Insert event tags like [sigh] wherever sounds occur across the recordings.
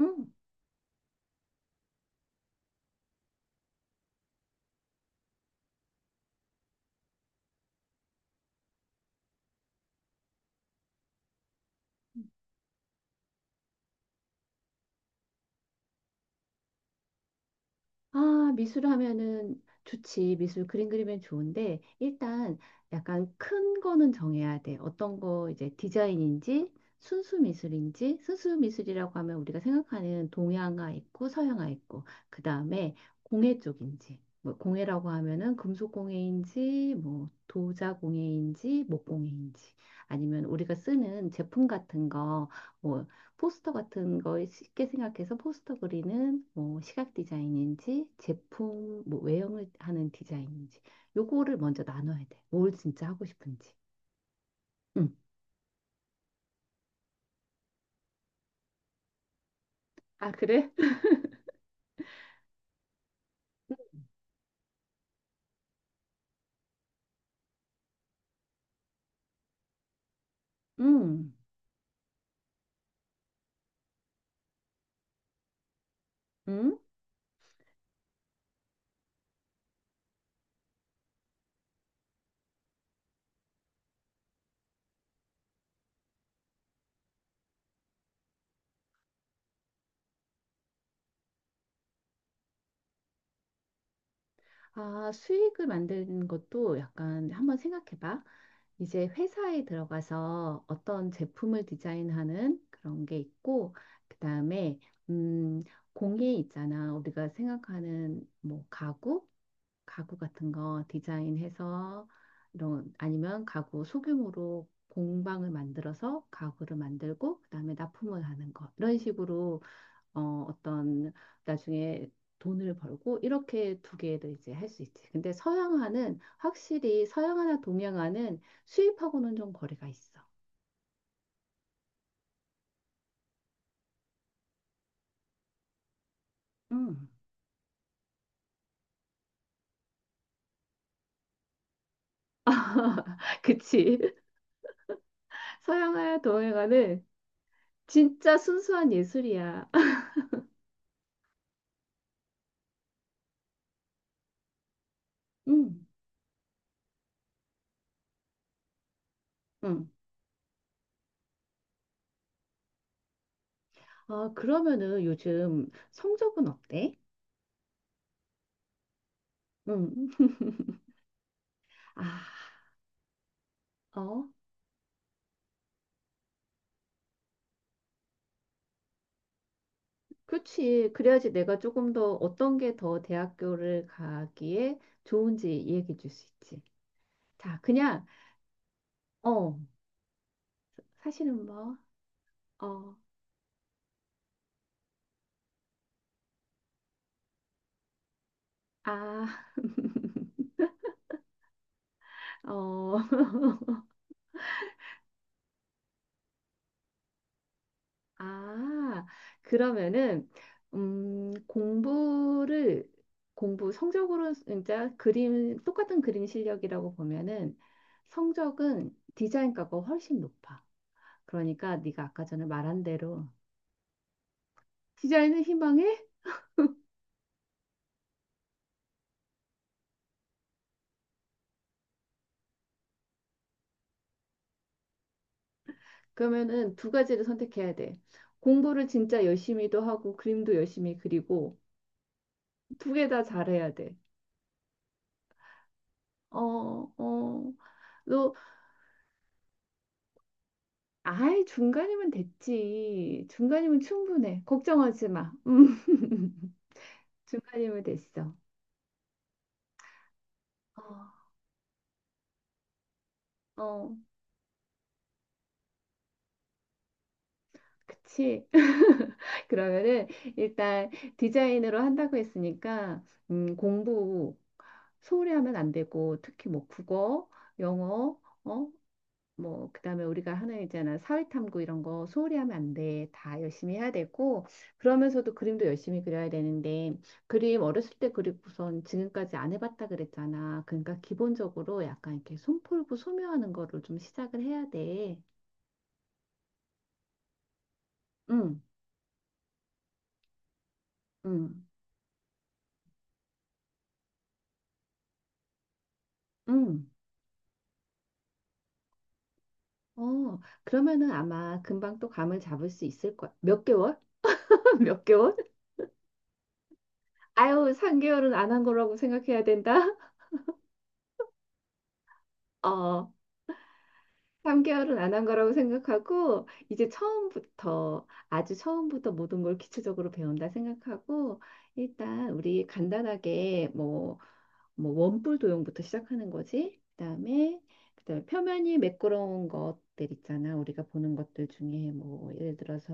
응. 아, 미술 하면은 좋지. 미술 그림 그리면 좋은데 일단 약간 큰 거는 정해야 돼. 어떤 거 이제 디자인인지 순수 미술인지 순수 미술이라고 하면 우리가 생각하는 동양화 있고 서양화 있고 그다음에 공예 쪽인지 뭐 공예라고 하면은 금속 공예인지 뭐 도자 공예인지 목 공예인지 아니면 우리가 쓰는 제품 같은 거뭐 포스터 같은 걸 쉽게 생각해서 포스터 그리는 뭐 시각 디자인인지 제품 뭐 외형을 하는 디자인인지 요거를 먼저 나눠야 돼. 뭘 진짜 하고 싶은지. 응. 아, 그래? 응. 응. 아, 수익을 만드는 것도 약간 한번 생각해봐. 이제 회사에 들어가서 어떤 제품을 디자인하는 그런 게 있고, 그 다음에, 음, 공예 있잖아. 우리가 생각하는 뭐 가구, 가구 같은 거 디자인해서 이런 아니면 가구 소규모로 공방을 만들어서 가구를 만들고 그다음에 납품을 하는 것 이런 식으로 어, 어떤 나중에 돈을 벌고 이렇게 두 개를 이제 할 수 있지. 근데 서양화는 확실히 서양화나 동양화는 수입하고는 좀 거리가 있어. 음. [laughs] 그치. 서양화야 동양화는 진짜 순수한 예술이야. [laughs] 응, 응. 아, 그러면은 요즘 성적은 어때? 응. 아, 어, 그치. 그래야지 내가 조금 더 어떤 게 더 대학교를 가기에 좋은지 얘기해 줄 수 있지. 자, 그냥, 어, 사실은 뭐, 어, 아, 어, [laughs] 아, 그러면은, 공부를, 공부 성적으로 진짜 그림, 똑같은 그림 실력이라고 보면은 성적은 디자인과가 훨씬 높아. 그러니까 네가 아까 전에 말한 대로 디자인을 희망해? 그러면은 두 가지를 선택해야 돼. 공부를 진짜 열심히도 하고 그림도 열심히 그리고 두 개 다 잘해야 돼. 어, 어. 너 아예 중간이면 됐지. 중간이면 충분해. 걱정하지 마. 음. [laughs] 중간이면 됐어. 어, 어. 그치? [laughs] 그러면은 일단 디자인으로 한다고 했으니까 공부 소홀히 하면 안 되고 특히 뭐 국어, 영어, 어? 뭐 그다음에 우리가 하는 있잖아 사회탐구 이런 거 소홀히 하면 안 돼. 다 열심히 해야 되고 그러면서도 그림도 열심히 그려야 되는데 그림 어렸을 때 그리고선 지금까지 안 해봤다 그랬잖아. 그러니까 기본적으로 약간 이렇게 손 풀고 소묘하는 거를 좀 시작을 해야 돼. 응, 응, 응. 어, 그러면은 아마 금방 또 감을 잡을 수 있을 거야. 몇 개월? [laughs] 몇 개월? 아유, 3개월은 안 한 거라고 생각해야 된다. 어, 3개월은 안 한 거라고 생각하고, 이제 처음부터, 아주 처음부터 모든 걸 기초적으로 배운다 생각하고, 일단 우리 간단하게 뭐, 원뿔 도형부터 시작하는 거지. 그다음에 표면이 매끄러운 것들 있잖아. 우리가 보는 것들 중에 뭐, 예를 들어서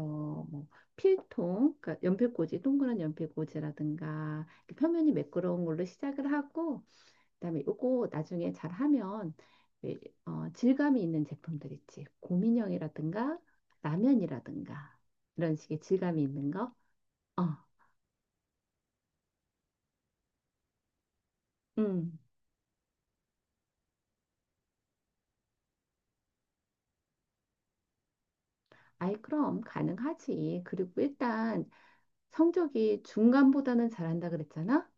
뭐, 필통, 그러니까 연필꽂이, 동그란 연필꽂이라든가, 이렇게 표면이 매끄러운 걸로 시작을 하고, 그다음에 요거 나중에 잘 하면 왜, 질감이 있는 제품들 있지. 곰인형이라든가 라면이라든가 이런 식의 질감이 있는 거. 어, 음. 아이 그럼 가능하지. 그리고 일단 성적이 중간보다는 잘한다 그랬잖아.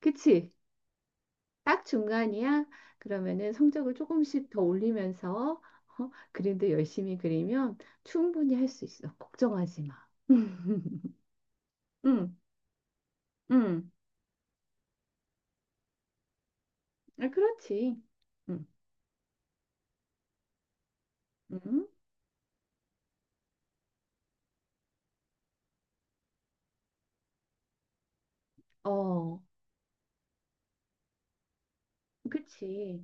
그치? 딱 중간이야. 그러면은 성적을 조금씩 더 올리면서 그림도 열심히 그리면 충분히 할 수 있어. 걱정하지 마. [laughs] 응, 응, 아, 그렇지. 응. 음? 어, 그치.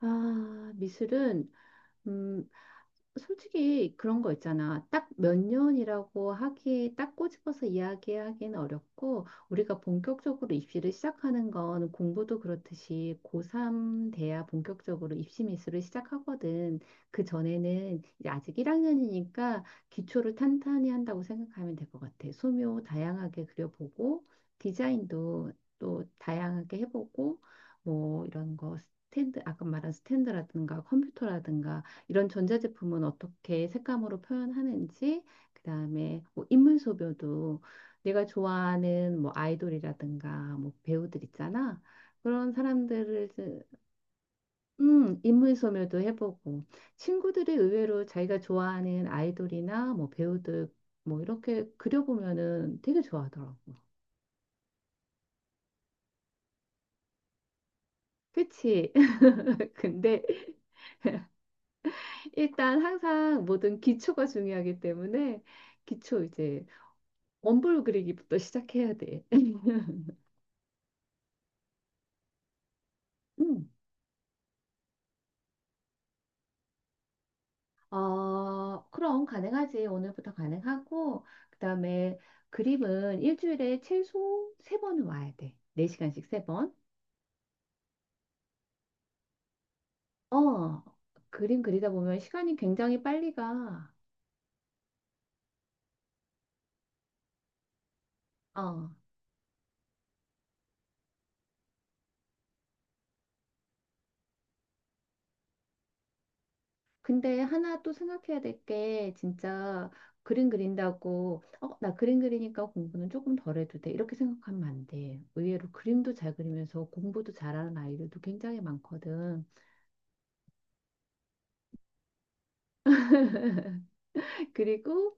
아, 미술은, 음, 솔직히 그런 거 있잖아. 딱 몇 년이라고 하기, 딱 꼬집어서 이야기하기는 어렵고, 우리가 본격적으로 입시를 시작하는 건 공부도 그렇듯이 고3 돼야 본격적으로 입시 미술을 시작하거든. 그 전에는 이제 아직 1학년이니까 기초를 탄탄히 한다고 생각하면 될 것 같아. 소묘 다양하게 그려보고, 디자인도 또 다양하게 해보고, 뭐 이런 거 스탠드, 아까 말한 스탠드라든가 컴퓨터라든가 이런 전자제품은 어떻게 색감으로 표현하는지, 그다음에 뭐 인물 소묘도 내가 좋아하는 뭐 아이돌이라든가 뭐 배우들 있잖아. 그런 사람들을 이제, 인물 소묘도 해보고 친구들이 의외로 자기가 좋아하는 아이돌이나 뭐 배우들 뭐 이렇게 그려보면은 되게 좋아하더라고. 그치? [laughs] 근데 일단 항상 모든 기초가 중요하기 때문에 기초 이제 원본 그리기부터 시작해야 돼. [laughs] 음, 어, 그럼 가능하지. 오늘부터 가능하고, 그다음에 그림은 일주일에 최소 세번은 와야 돼. 네시간씩세번 어, 그림 그리다 보면 시간이 굉장히 빨리 가. 어, 근데 하나 또 생각해야 될 게, 진짜 그림 그린다고, 어, 나 그림 그리니까 공부는 조금 덜 해도 돼. 이렇게 생각하면 안 돼. 의외로 그림도 잘 그리면서 공부도 잘하는 아이들도 굉장히 많거든. [laughs] 그리고,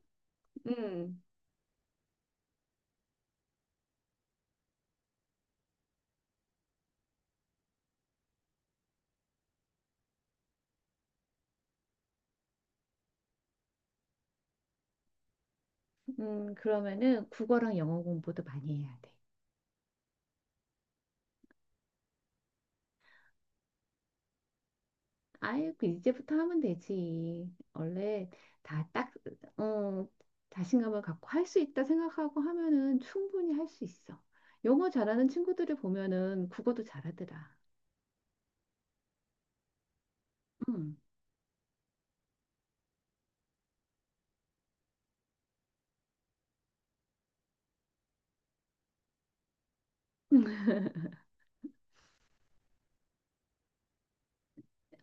음. 그러면은 국어랑 영어 공부도 많이 해야 돼. 아유, 그 이제부터 하면 되지. 원래 다 딱, 어, 자신감을 갖고 할 수 있다 생각하고 하면은 충분히 할 수 있어. 영어 잘하는 친구들을 보면은 국어도 잘하더라. 음,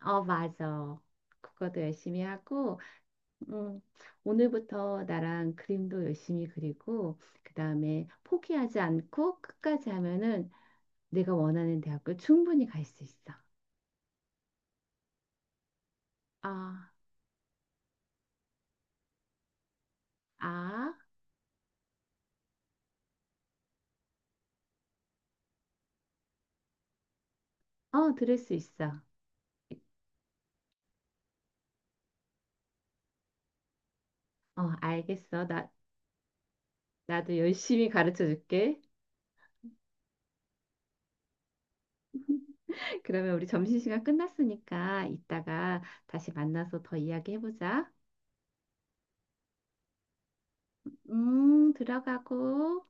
어, 맞아. 국어도 열심히 하고, 음, 오늘부터 나랑 그림도 열심히 그리고, 그 다음에 포기하지 않고 끝까지 하면은 내가 원하는 대학교 충분히 갈 수 있어. 아. 아, 어, 들을 수 있어. 어, 알겠어. 나도 열심히 가르쳐 줄게. [laughs] 그러면 우리 점심시간 끝났으니까 이따가 다시 만나서 더 이야기해보자. 들어가고.